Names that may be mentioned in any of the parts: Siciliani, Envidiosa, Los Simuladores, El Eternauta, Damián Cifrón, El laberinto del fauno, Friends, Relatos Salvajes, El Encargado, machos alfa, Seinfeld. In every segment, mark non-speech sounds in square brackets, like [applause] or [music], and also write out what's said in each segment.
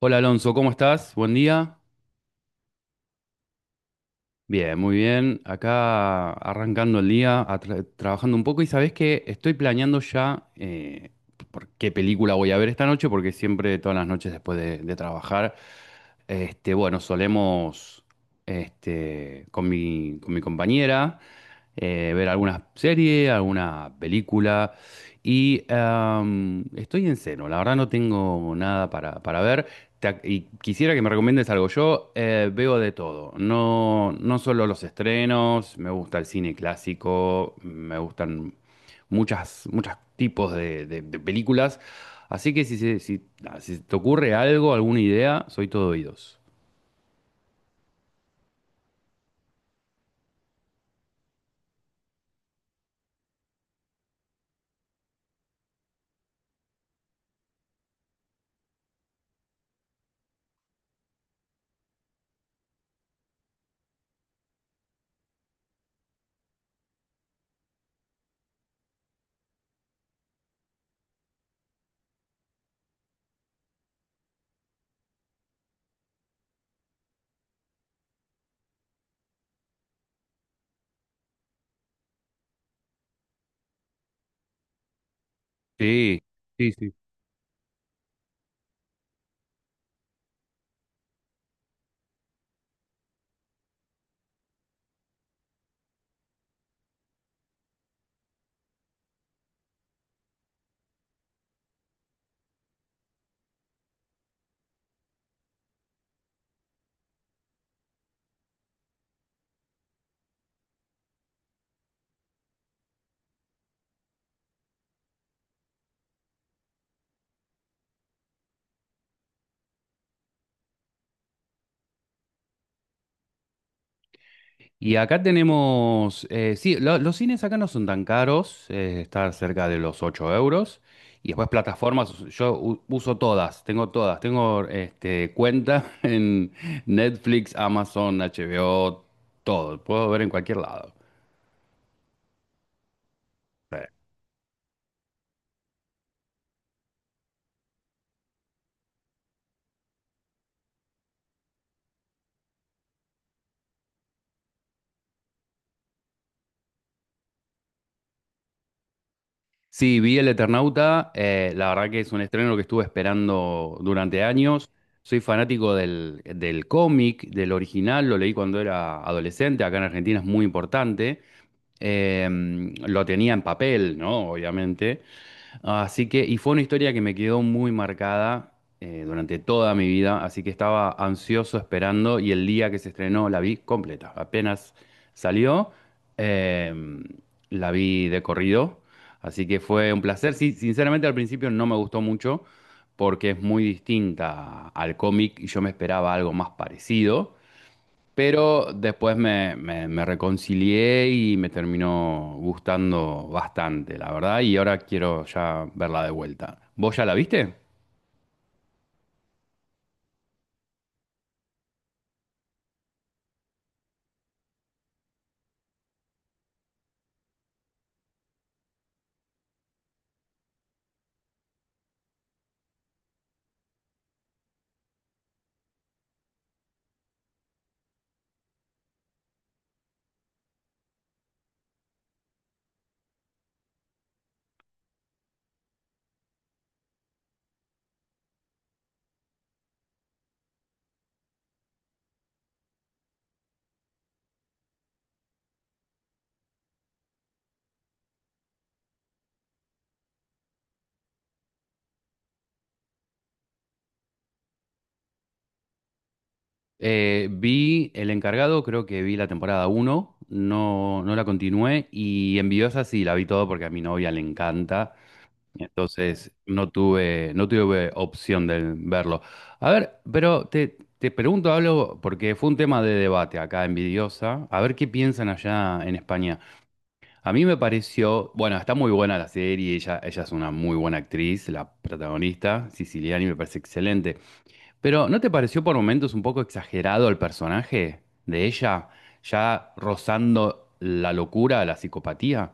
Hola Alonso, ¿cómo estás? Buen día. Bien, muy bien. Acá arrancando el día, trabajando un poco y sabés que estoy planeando ya por qué película voy a ver esta noche, porque siempre todas las noches después de trabajar, bueno, solemos, con mi compañera, ver alguna serie, alguna película. Y estoy en cero, la verdad no tengo nada para ver. Y quisiera que me recomiendes algo. Yo veo de todo, no, no solo los estrenos, me gusta el cine clásico, me gustan muchos tipos de películas. Así que si, si te ocurre algo, alguna idea, soy todo oídos. Sí, sí, sí. Y acá tenemos, sí, los cines acá no son tan caros, está cerca de los 8 euros. Y después plataformas, yo uso todas, tengo este, cuenta [laughs] en Netflix, Amazon, HBO, todo, puedo ver en cualquier lado. Sí, vi El Eternauta. La verdad que es un estreno que estuve esperando durante años. Soy fanático del cómic, del original. Lo leí cuando era adolescente. Acá en Argentina es muy importante. Eh, lo tenía en papel, ¿no? Obviamente. Así que, y fue una historia que me quedó muy marcada, durante toda mi vida, así que estaba ansioso esperando y el día que se estrenó la vi completa. Apenas salió, eh, la vi de corrido, así que fue un placer. Sí, sinceramente al principio no me gustó mucho porque es muy distinta al cómic y yo me esperaba algo más parecido. Pero después me reconcilié y me terminó gustando bastante, la verdad, y ahora quiero ya verla de vuelta. ¿Vos ya la viste? Vi El Encargado, creo que vi la temporada uno, no, no la continué, y Envidiosa sí, la vi todo porque a mi novia le encanta, entonces no tuve opción de verlo. A ver, pero te pregunto algo, porque fue un tema de debate acá, Envidiosa, a ver qué piensan allá en España. A mí me pareció, bueno, está muy buena la serie, ella es una muy buena actriz, la protagonista, Siciliani, me parece excelente, pero ¿no te pareció por momentos un poco exagerado el personaje de ella, ya rozando la locura, la psicopatía?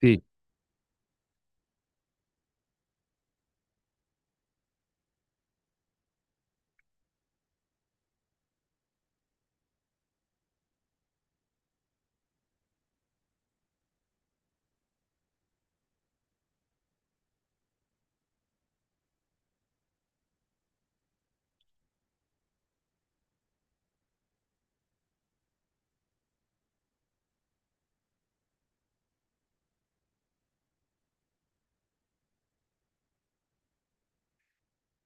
Sí.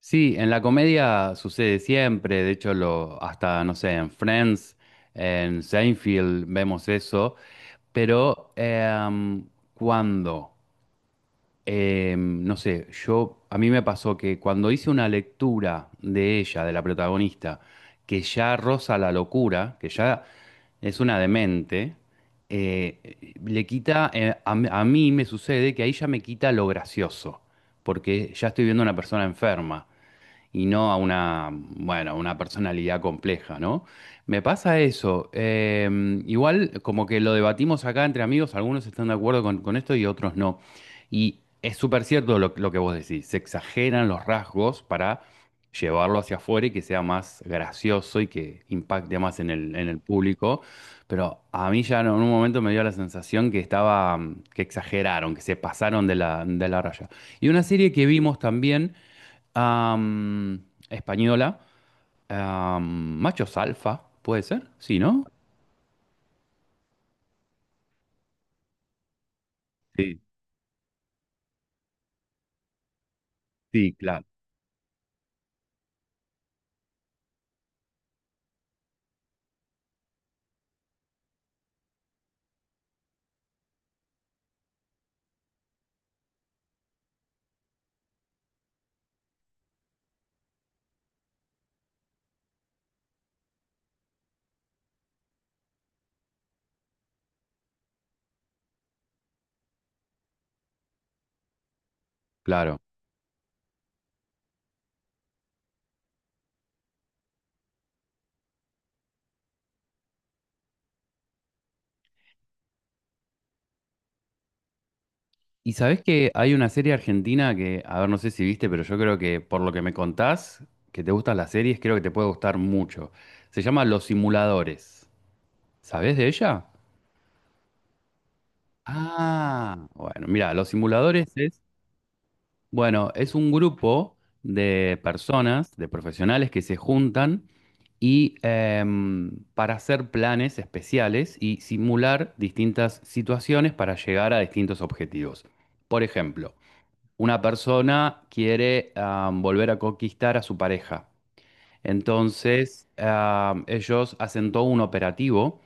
Sí, en la comedia sucede siempre, de hecho lo, hasta, no sé, en Friends, en Seinfeld vemos eso, pero ¿cuándo? No sé, yo a mí me pasó que cuando hice una lectura de ella, de la protagonista, que ya roza la locura, que ya es una demente, le quita, a, m- a mí me sucede que ahí ya me quita lo gracioso, porque ya estoy viendo a una persona enferma y no a una, bueno, a una personalidad compleja, ¿no? Me pasa eso. Igual, como que lo debatimos acá entre amigos, algunos están de acuerdo con esto y otros no. Y es súper cierto lo que vos decís, se exageran los rasgos para llevarlo hacia afuera y que sea más gracioso y que impacte más en en el público. Pero a mí ya en un momento me dio la sensación que estaba, que exageraron, que se pasaron de de la raya. Y una serie que vimos también, española. Machos alfa, ¿puede ser? Sí, ¿no? Sí, sí, claro. Claro. Y sabés que hay una serie argentina que, a ver, no sé si viste, pero yo creo que por lo que me contás, que te gustan las series, creo que te puede gustar mucho. Se llama Los Simuladores. ¿Sabés de ella? Ah, bueno, mira, Los Simuladores es, bueno, es un grupo de personas, de profesionales que se juntan y para hacer planes especiales y simular distintas situaciones para llegar a distintos objetivos. Por ejemplo, una persona quiere, volver a conquistar a su pareja. Entonces, ah, ellos hacen todo un operativo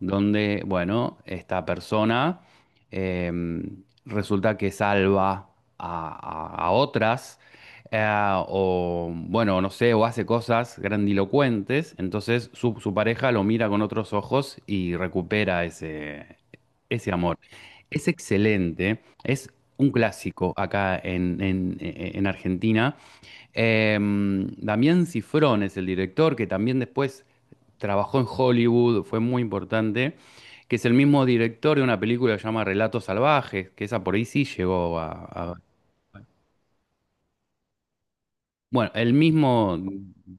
donde, bueno, esta persona, eh, resulta que salva a, a otras, eh, o bueno, no sé, o hace cosas grandilocuentes. Entonces, su pareja lo mira con otros ojos y recupera ese, ese amor. Es excelente, es un clásico acá en Argentina. Em, Damián Cifrón es el director, que también después trabajó en Hollywood, fue muy importante, que es el mismo director de una película que se llama Relatos Salvajes, que esa por ahí sí llegó a- bueno, el mismo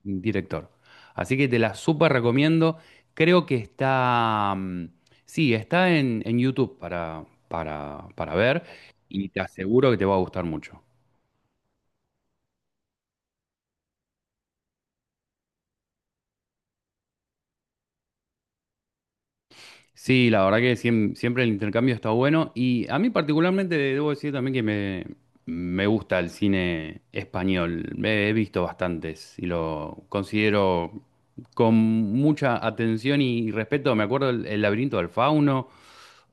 director. Así que te la súper recomiendo. Creo que está... mm, sí, está en YouTube para ver y te aseguro que te va a gustar mucho. Sí, la verdad que siempre el intercambio está bueno y a mí particularmente debo decir también que me gusta el cine español. He visto bastantes y lo considero con mucha atención y respeto. Me acuerdo el laberinto del fauno.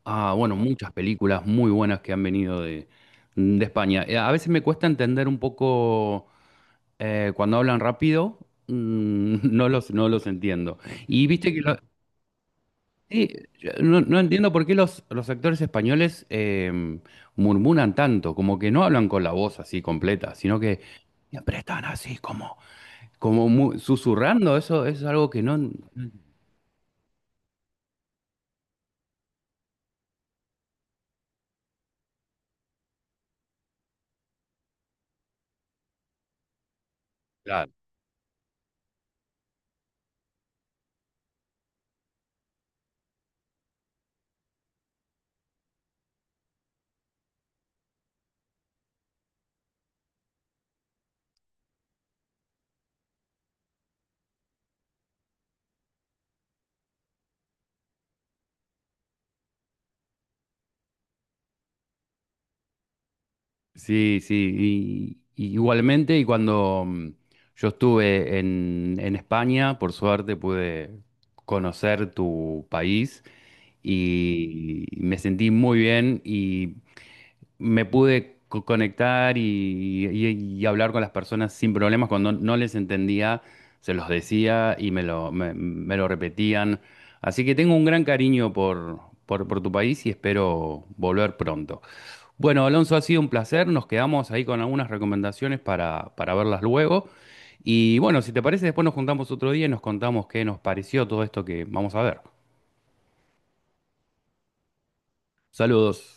Ah, bueno, muchas películas muy buenas que han venido de España. A veces me cuesta entender un poco, cuando hablan rápido, mm, [laughs] no los entiendo. Y viste que lo- Sí, yo no, no entiendo por qué los actores españoles, murmuran tanto, como que no hablan con la voz así completa, sino que siempre están así como, como susurrando, eso es algo que no... Claro. Sí, sí, y igualmente, y cuando mm, yo estuve en España, por suerte pude conocer tu país y me sentí muy bien y me pude conectar y hablar con las personas sin problemas. Cuando no les entendía, se los decía y me lo, me lo repetían. Así que tengo un gran cariño por tu país y espero volver pronto. Bueno, Alonso, ha sido un placer. Nos quedamos ahí con algunas recomendaciones para verlas luego. Y bueno, si te parece, después nos juntamos otro día y nos contamos qué nos pareció todo esto que vamos a ver. Saludos.